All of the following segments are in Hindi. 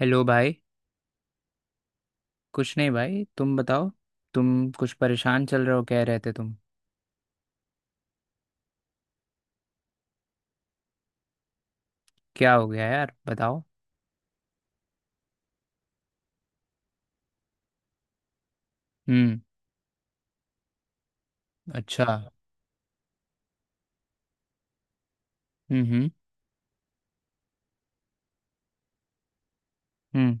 हेलो भाई। कुछ नहीं भाई, तुम बताओ। तुम कुछ परेशान चल रहे हो, कह रहे थे तुम। क्या हो गया यार, बताओ। हम्म। अच्छा। हम्म। हम्म।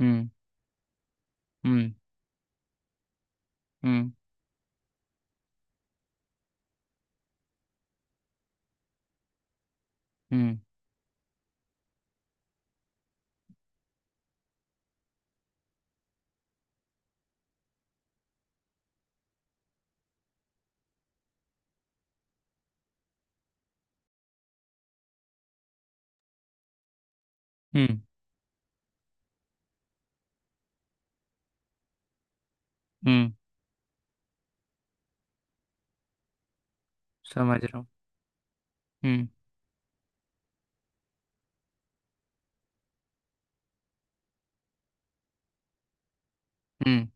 हम्म। हम्म। हम्म। हम्म। हम्म। हम्म, हम्म, समझ रहा हूँ। हम्म। हम्म।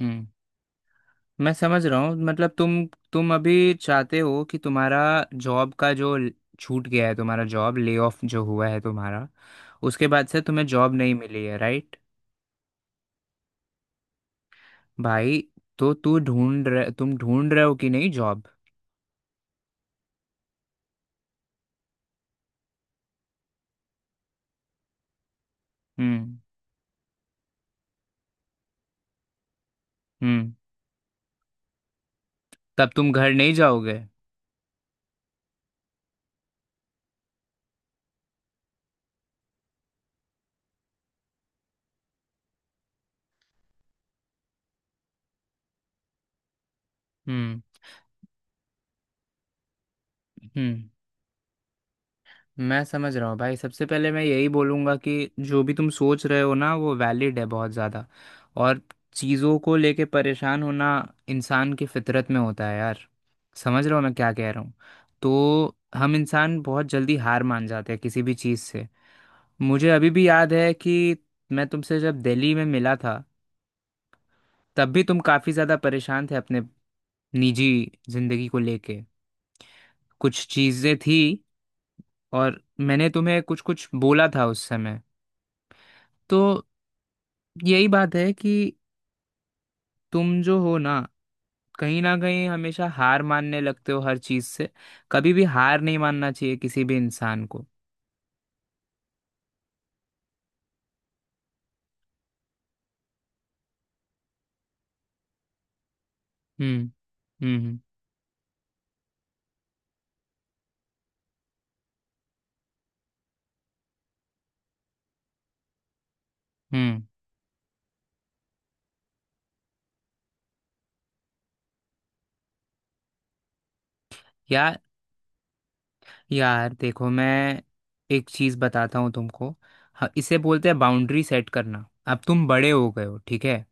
हम्म। मैं समझ रहा हूँ, मतलब तुम अभी चाहते हो कि तुम्हारा जॉब का जो छूट गया है, तुम्हारा जॉब ले ऑफ जो हुआ है तुम्हारा, उसके बाद से तुम्हें जॉब नहीं मिली है, राइट? भाई, तो तू ढूंढ रहे तुम ढूंढ रहे हो कि नहीं जॉब। हम्म। हम्म। तब तुम घर नहीं जाओगे? हम्म। हम्म। मैं समझ रहा हूँ भाई, सबसे पहले मैं यही बोलूँगा कि जो भी तुम सोच रहे हो ना, वो वैलिड है बहुत ज़्यादा। और चीज़ों को लेके परेशान होना इंसान की फितरत में होता है यार। समझ रहे हो मैं क्या कह रहा हूँ? तो हम इंसान बहुत जल्दी हार मान जाते हैं किसी भी चीज़ से। मुझे अभी भी याद है कि मैं तुमसे जब दिल्ली में मिला था, तब भी तुम काफ़ी ज़्यादा परेशान थे अपने निजी ज़िंदगी को लेके। कुछ चीजें थी, और मैंने तुम्हें कुछ कुछ बोला था उस समय। तो यही बात है कि तुम जो हो ना, कहीं ना कहीं हमेशा हार मानने लगते हो हर चीज से। कभी भी हार नहीं मानना चाहिए किसी भी इंसान को। हम्म। हम्म। हम्म। यार, यार देखो, मैं एक चीज बताता हूँ तुमको। इसे बोलते हैं बाउंड्री सेट करना। अब तुम बड़े हो गए हो, ठीक है।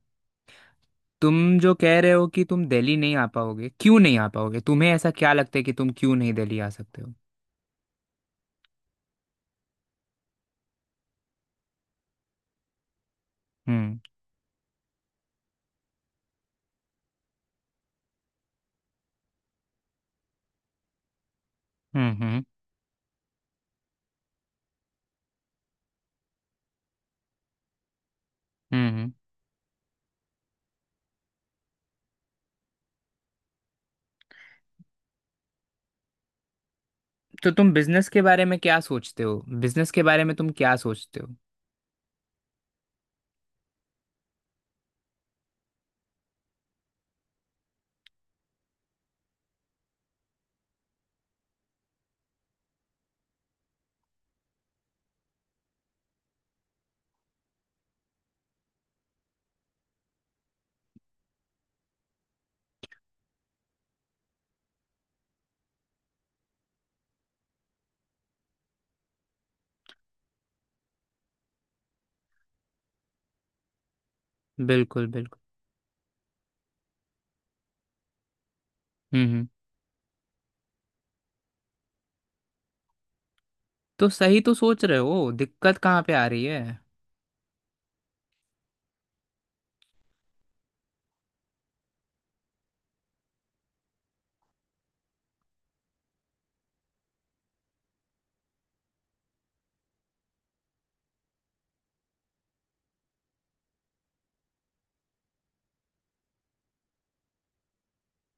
तुम जो कह रहे हो कि तुम दिल्ली नहीं आ पाओगे, क्यों नहीं आ पाओगे? तुम्हें ऐसा क्या लगता है कि तुम क्यों नहीं दिल्ली आ सकते हो? हम्म। हम्म। हम्म। हम्म। हम्म। तो तुम बिजनेस के बारे में क्या सोचते हो? बिजनेस के बारे में तुम क्या सोचते हो? बिल्कुल बिल्कुल। हम्म। हम्म। तो सही तो सोच रहे हो, दिक्कत कहाँ पे आ रही है?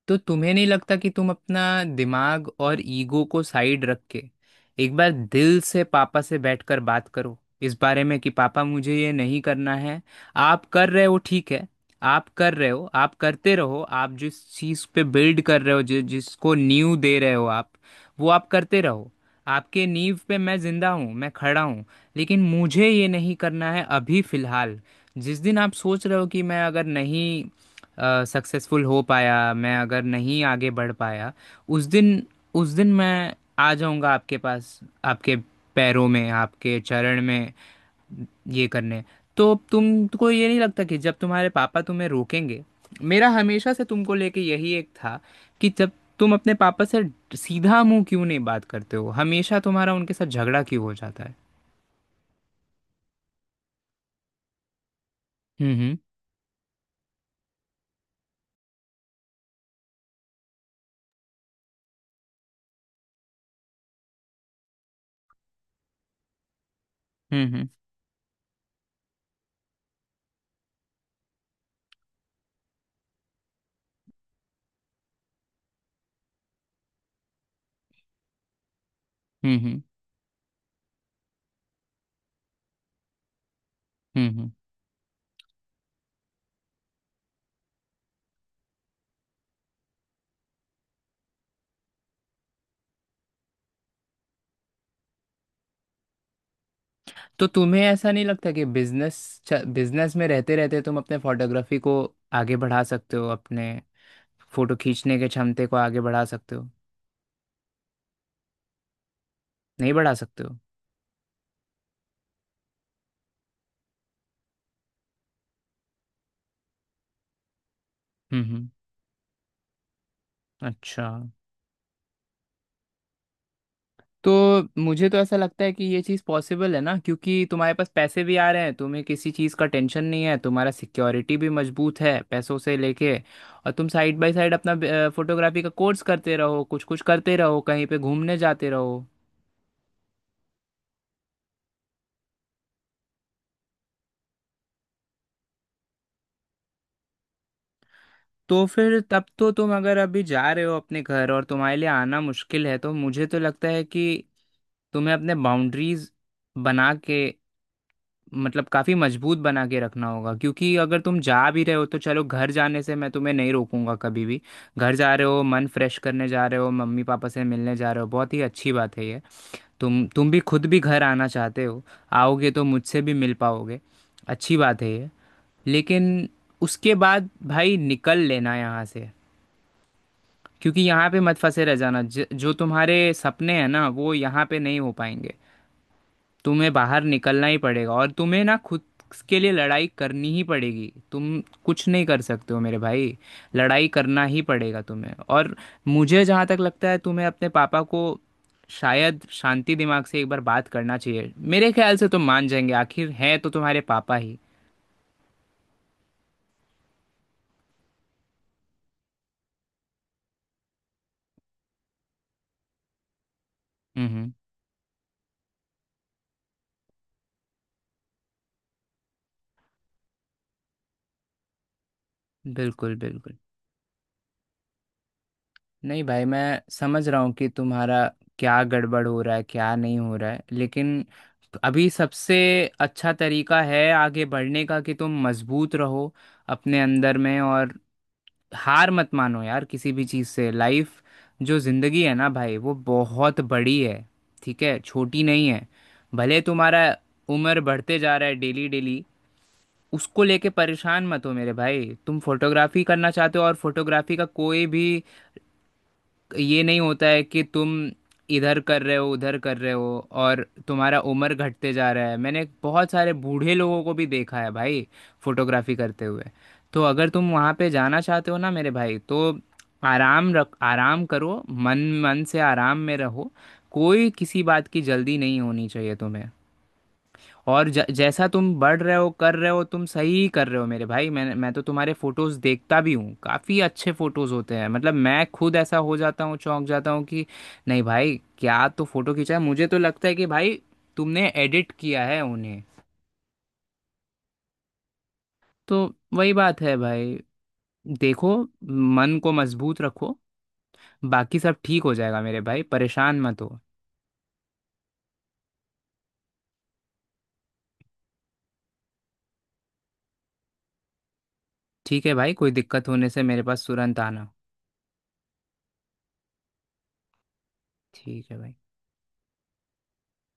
तो तुम्हें नहीं लगता कि तुम अपना दिमाग और ईगो को साइड रख के एक बार दिल से पापा से बैठकर बात करो इस बारे में कि पापा, मुझे ये नहीं करना है। आप कर रहे हो, ठीक है। आप कर रहे हो, आप करते रहो, आप जिस चीज़ पे बिल्ड कर रहे हो, जिसको नींव दे रहे हो आप, वो आप करते रहो। आपके नींव पे मैं जिंदा हूँ, मैं खड़ा हूँ। लेकिन मुझे ये नहीं करना है अभी फिलहाल। जिस दिन आप सोच रहे हो कि मैं अगर नहीं सक्सेसफुल हो पाया, मैं अगर नहीं आगे बढ़ पाया, उस दिन, उस दिन मैं आ जाऊंगा आपके पास, आपके पैरों में, आपके चरण में ये करने। तो तुमको ये नहीं लगता कि जब तुम्हारे पापा तुम्हें रोकेंगे? मेरा हमेशा से तुमको लेके यही एक था कि जब तुम अपने पापा से सीधा मुंह क्यों नहीं बात करते हो, हमेशा तुम्हारा उनके साथ झगड़ा क्यों हो जाता है? हम्म। हम्म। हम्म। हम्म। हम्म। हम्म। हम्म। तो तुम्हें ऐसा नहीं लगता कि बिजनेस, बिजनेस में रहते रहते तुम अपने फोटोग्राफी को आगे बढ़ा सकते हो, अपने फोटो खींचने के क्षमते को आगे बढ़ा सकते हो? नहीं बढ़ा सकते हो? हम्म। हम्म। अच्छा। तो मुझे तो ऐसा लगता है कि ये चीज़ पॉसिबल है ना, क्योंकि तुम्हारे पास पैसे भी आ रहे हैं, तुम्हें किसी चीज़ का टेंशन नहीं है, तुम्हारा सिक्योरिटी भी मजबूत है पैसों से लेके। और तुम साइड बाय साइड अपना फोटोग्राफी का कोर्स करते रहो, कुछ कुछ करते रहो, कहीं पे घूमने जाते रहो। तो फिर तब तो तुम अगर अभी जा रहे हो अपने घर, और तुम्हारे लिए आना मुश्किल है, तो मुझे तो लगता है कि तुम्हें अपने बाउंड्रीज बना के, मतलब काफ़ी मजबूत बना के रखना होगा, क्योंकि अगर तुम जा भी रहे हो, तो चलो, घर जाने से मैं तुम्हें नहीं रोकूंगा कभी भी। घर जा रहे हो, मन फ्रेश करने जा रहे हो, मम्मी पापा से मिलने जा रहे हो, बहुत ही अच्छी बात है ये। तुम भी खुद भी घर आना चाहते हो, आओगे तो मुझसे भी मिल पाओगे, अच्छी बात है ये। लेकिन उसके बाद भाई निकल लेना यहाँ से, क्योंकि यहाँ पे मत फंसे रह जाना, जो तुम्हारे सपने हैं ना, वो यहाँ पे नहीं हो पाएंगे। तुम्हें बाहर निकलना ही पड़ेगा, और तुम्हें ना खुद के लिए लड़ाई करनी ही पड़ेगी, तुम कुछ नहीं कर सकते हो मेरे भाई। लड़ाई करना ही पड़ेगा तुम्हें। और मुझे जहाँ तक लगता है, तुम्हें अपने पापा को शायद शांति दिमाग से एक बार बात करना चाहिए, मेरे ख्याल से तुम मान जाएंगे, आखिर है तो तुम्हारे पापा ही। हम्म। बिल्कुल बिल्कुल। नहीं भाई, मैं समझ रहा हूँ कि तुम्हारा क्या गड़बड़ हो रहा है, क्या नहीं हो रहा है, लेकिन अभी सबसे अच्छा तरीका है आगे बढ़ने का कि तुम मजबूत रहो अपने अंदर में, और हार मत मानो यार किसी भी चीज़ से। लाइफ, जो ज़िंदगी है ना भाई, वो बहुत बड़ी है। ठीक है, छोटी नहीं है। भले तुम्हारा उम्र बढ़ते जा रहा है डेली डेली, उसको लेके परेशान मत हो मेरे भाई। तुम फोटोग्राफी करना चाहते हो, और फोटोग्राफी का कोई भी ये नहीं होता है कि तुम इधर कर रहे हो उधर कर रहे हो और तुम्हारा उम्र घटते जा रहा है। मैंने बहुत सारे बूढ़े लोगों को भी देखा है भाई, फोटोग्राफी करते हुए। तो अगर तुम वहाँ पे जाना चाहते हो ना मेरे भाई, तो आराम रख, आराम करो मन। मन से आराम में रहो। कोई किसी बात की जल्दी नहीं होनी चाहिए तुम्हें। और जैसा तुम बढ़ रहे हो, कर रहे हो, तुम सही कर रहे हो मेरे भाई। मैं तो तुम्हारे फोटोज देखता भी हूँ, काफी अच्छे फोटोज होते हैं, मतलब मैं खुद ऐसा हो जाता हूँ, चौंक जाता हूँ कि नहीं भाई, क्या तो फोटो खींचा है, मुझे तो लगता है कि भाई तुमने एडिट किया है उन्हें। तो वही बात है भाई। देखो, मन को मजबूत रखो, बाकी सब ठीक हो जाएगा मेरे भाई, परेशान मत हो। ठीक है भाई, कोई दिक्कत होने से मेरे पास तुरंत आना। ठीक है भाई।